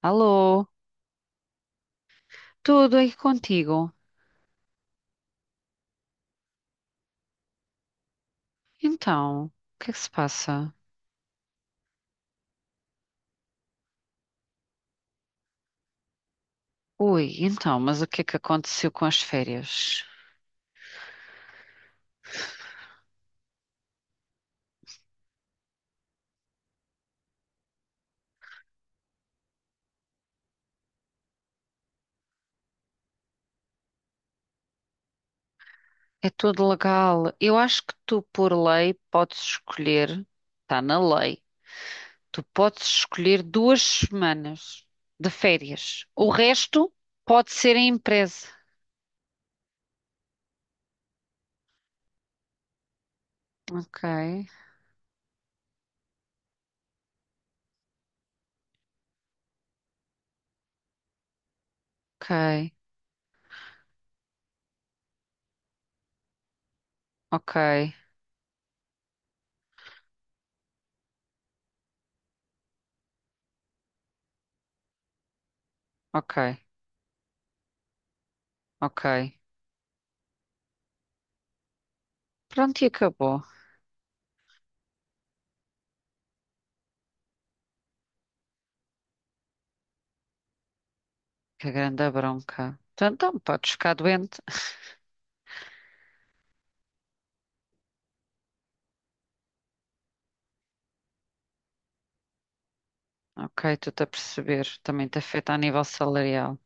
Alô, tudo aí contigo? Então, o que é que se passa? Ui, então, mas o que é que aconteceu com as férias? É tudo legal. Eu acho que tu, por lei, podes escolher, está na lei, tu podes escolher duas semanas de férias. O resto pode ser em empresa. Ok, ok, ok, ok, ok. Pronto, e acabou. Que grande bronca. Então, então, podes ficar doente. Ok, estou-te a perceber. Também te afeta a nível salarial.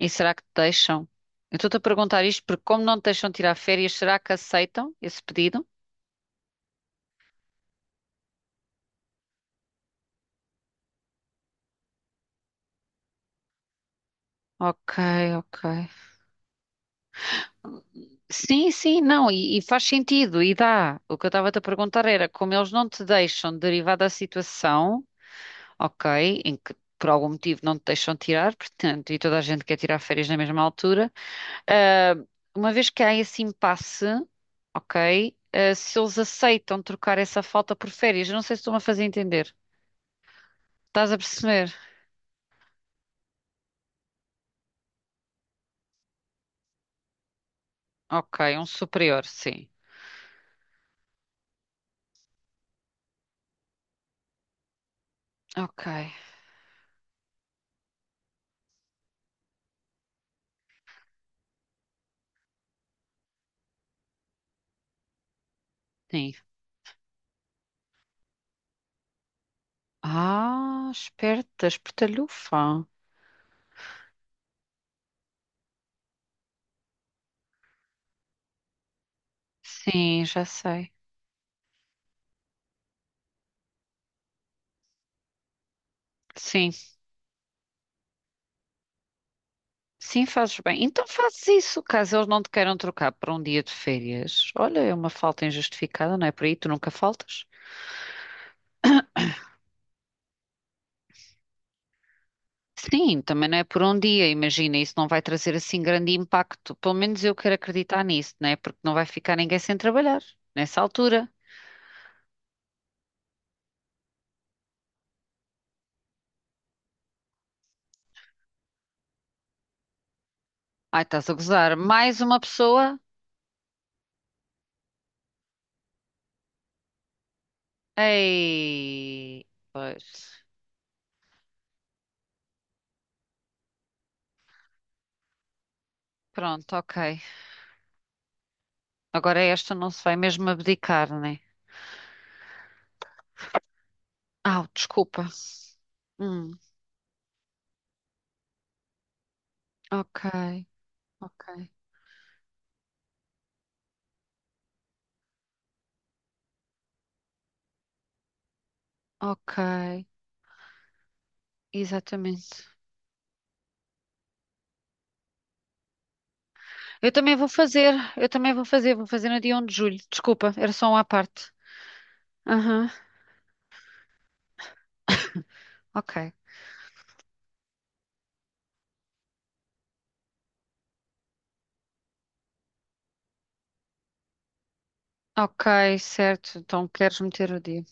E será que te deixam? Eu estou-te a perguntar isto porque, como não te deixam tirar férias, será que aceitam esse pedido? Ok, ok. Sim, sim, não, e faz sentido, e dá. O que eu estava-te a perguntar era como eles não te deixam, derivado da situação, ok, em que por algum motivo não te deixam tirar, portanto, e toda a gente quer tirar férias na mesma altura. Ah, uma vez que há esse impasse, ok, ah, se eles aceitam trocar essa falta por férias, eu não sei se estou-me a fazer entender. Estás a perceber? Ok, um superior, sim. Ok, sim. Ah, esperta, espertalhufa. Sim, já sei. Sim, sim, fazes bem. Então fazes isso, caso eles não te queiram trocar para um dia de férias. Olha, é uma falta injustificada, não é por aí? Tu nunca faltas? Sim, também não é por um dia, imagina, isso não vai trazer assim grande impacto. Pelo menos eu quero acreditar nisso, né? Porque não vai ficar ninguém sem trabalhar nessa altura. Ai, estás a gozar. Mais uma pessoa? Ei, pois. Pronto, ok. Agora esta não se vai mesmo abdicar, né? Ah, desculpa. Hum, ok, ok, ok. Exatamente. Eu também vou fazer, vou fazer no dia 1.º de julho. Desculpa, era só um à parte. Aham, ok. Ok, certo. Então queres meter o dia.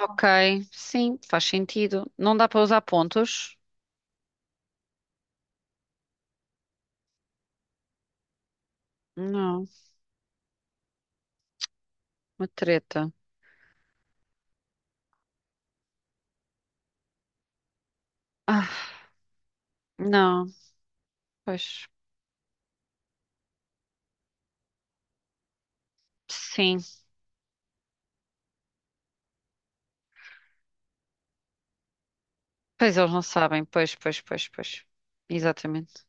Ok, sim, faz sentido. Não dá para usar pontos? Não, uma treta. Ah, não, pois. Sim, pois eles não sabem. Pois, pois, pois, pois. Exatamente.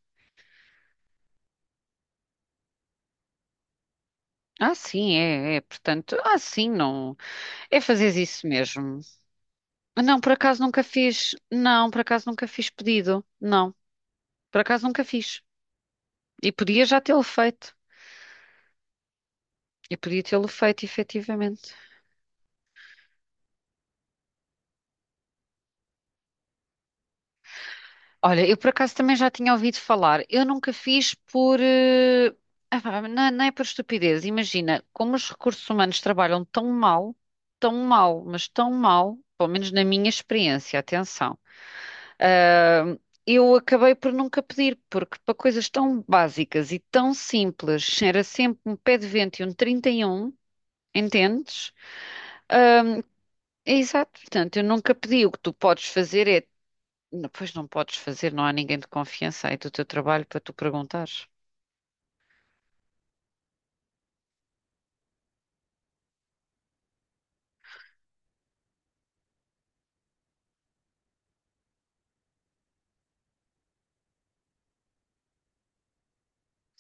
Ah, sim, é, é. Portanto, ah, sim, não. É fazer isso mesmo. Não, por acaso nunca fiz. Não, por acaso nunca fiz pedido. Não, por acaso nunca fiz. E podia já tê-lo feito. E podia tê-lo feito, efetivamente. Olha, eu por acaso também já tinha ouvido falar. Eu nunca fiz por. Não, não é por estupidez. Imagina, como os recursos humanos trabalham tão mal, mas tão mal, pelo menos na minha experiência, atenção, ah, eu acabei por nunca pedir, porque para coisas tão básicas e tão simples, era sempre um pé de vento e um 31. Entendes? É exato, portanto, eu nunca pedi. O que tu podes fazer é Não, pois não podes fazer, não há ninguém de confiança aí do teu trabalho para tu perguntares.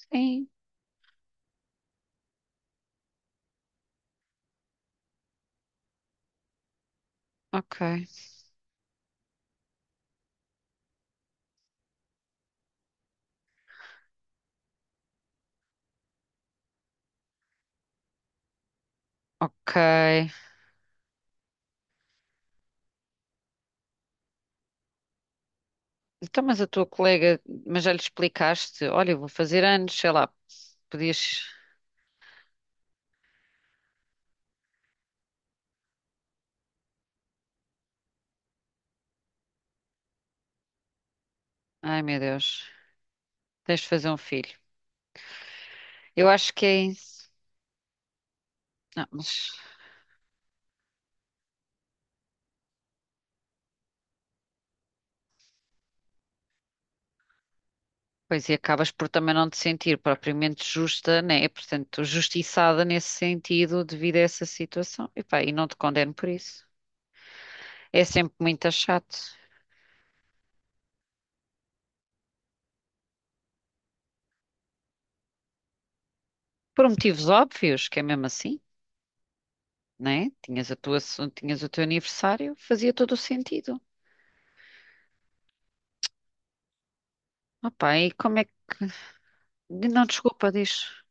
Sim, ok, ok. Então, mas a tua colega, mas já lhe explicaste, olha, eu vou fazer anos, sei lá, podias. Ai meu Deus, tens de fazer um filho. Eu acho que é isso. Não, mas. Pois, e acabas por também não te sentir propriamente justa, né? Portanto, justiçada nesse sentido devido a essa situação. E pá, e não te condeno por isso. É sempre muito chato. Por motivos óbvios, que é mesmo assim. Né? Tinhas a tua, tinhas o teu aniversário, fazia todo o sentido. Opá, e como é que. Não, desculpa, diz.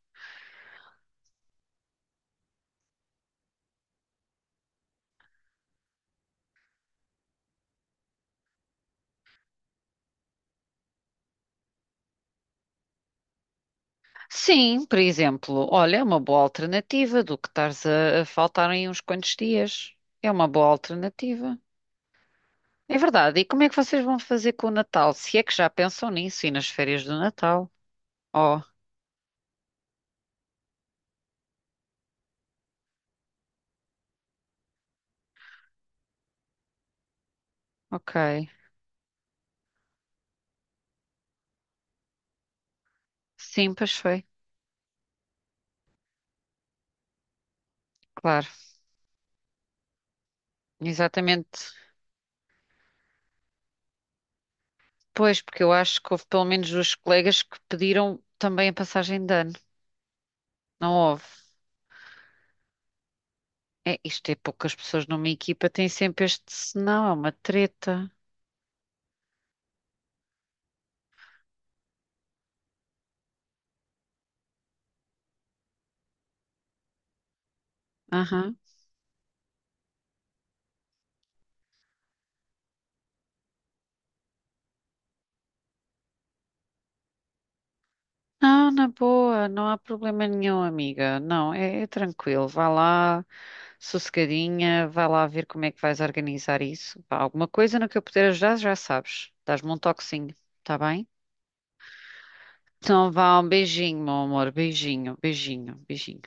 Sim, por exemplo, olha, é uma boa alternativa do que estares a faltar em uns quantos dias. É uma boa alternativa. É verdade. E como é que vocês vão fazer com o Natal? Se é que já pensam nisso e nas férias do Natal? Oh, ok. Sim, pois foi. Claro, exatamente. Pois, porque eu acho que houve pelo menos duas colegas que pediram também a passagem de ano. Não houve. É, isto é poucas pessoas numa equipa, tem sempre este senão, é uma treta. Aham. Não, na boa, não há problema nenhum, amiga. Não, é, é tranquilo. Vá lá, sossegadinha, vá lá ver como é que vais organizar isso. Pá, alguma coisa no que eu puder ajudar, já sabes. Dás-me um toquezinho, tá bem? Então vá, um beijinho, meu amor. Beijinho, beijinho, beijinho.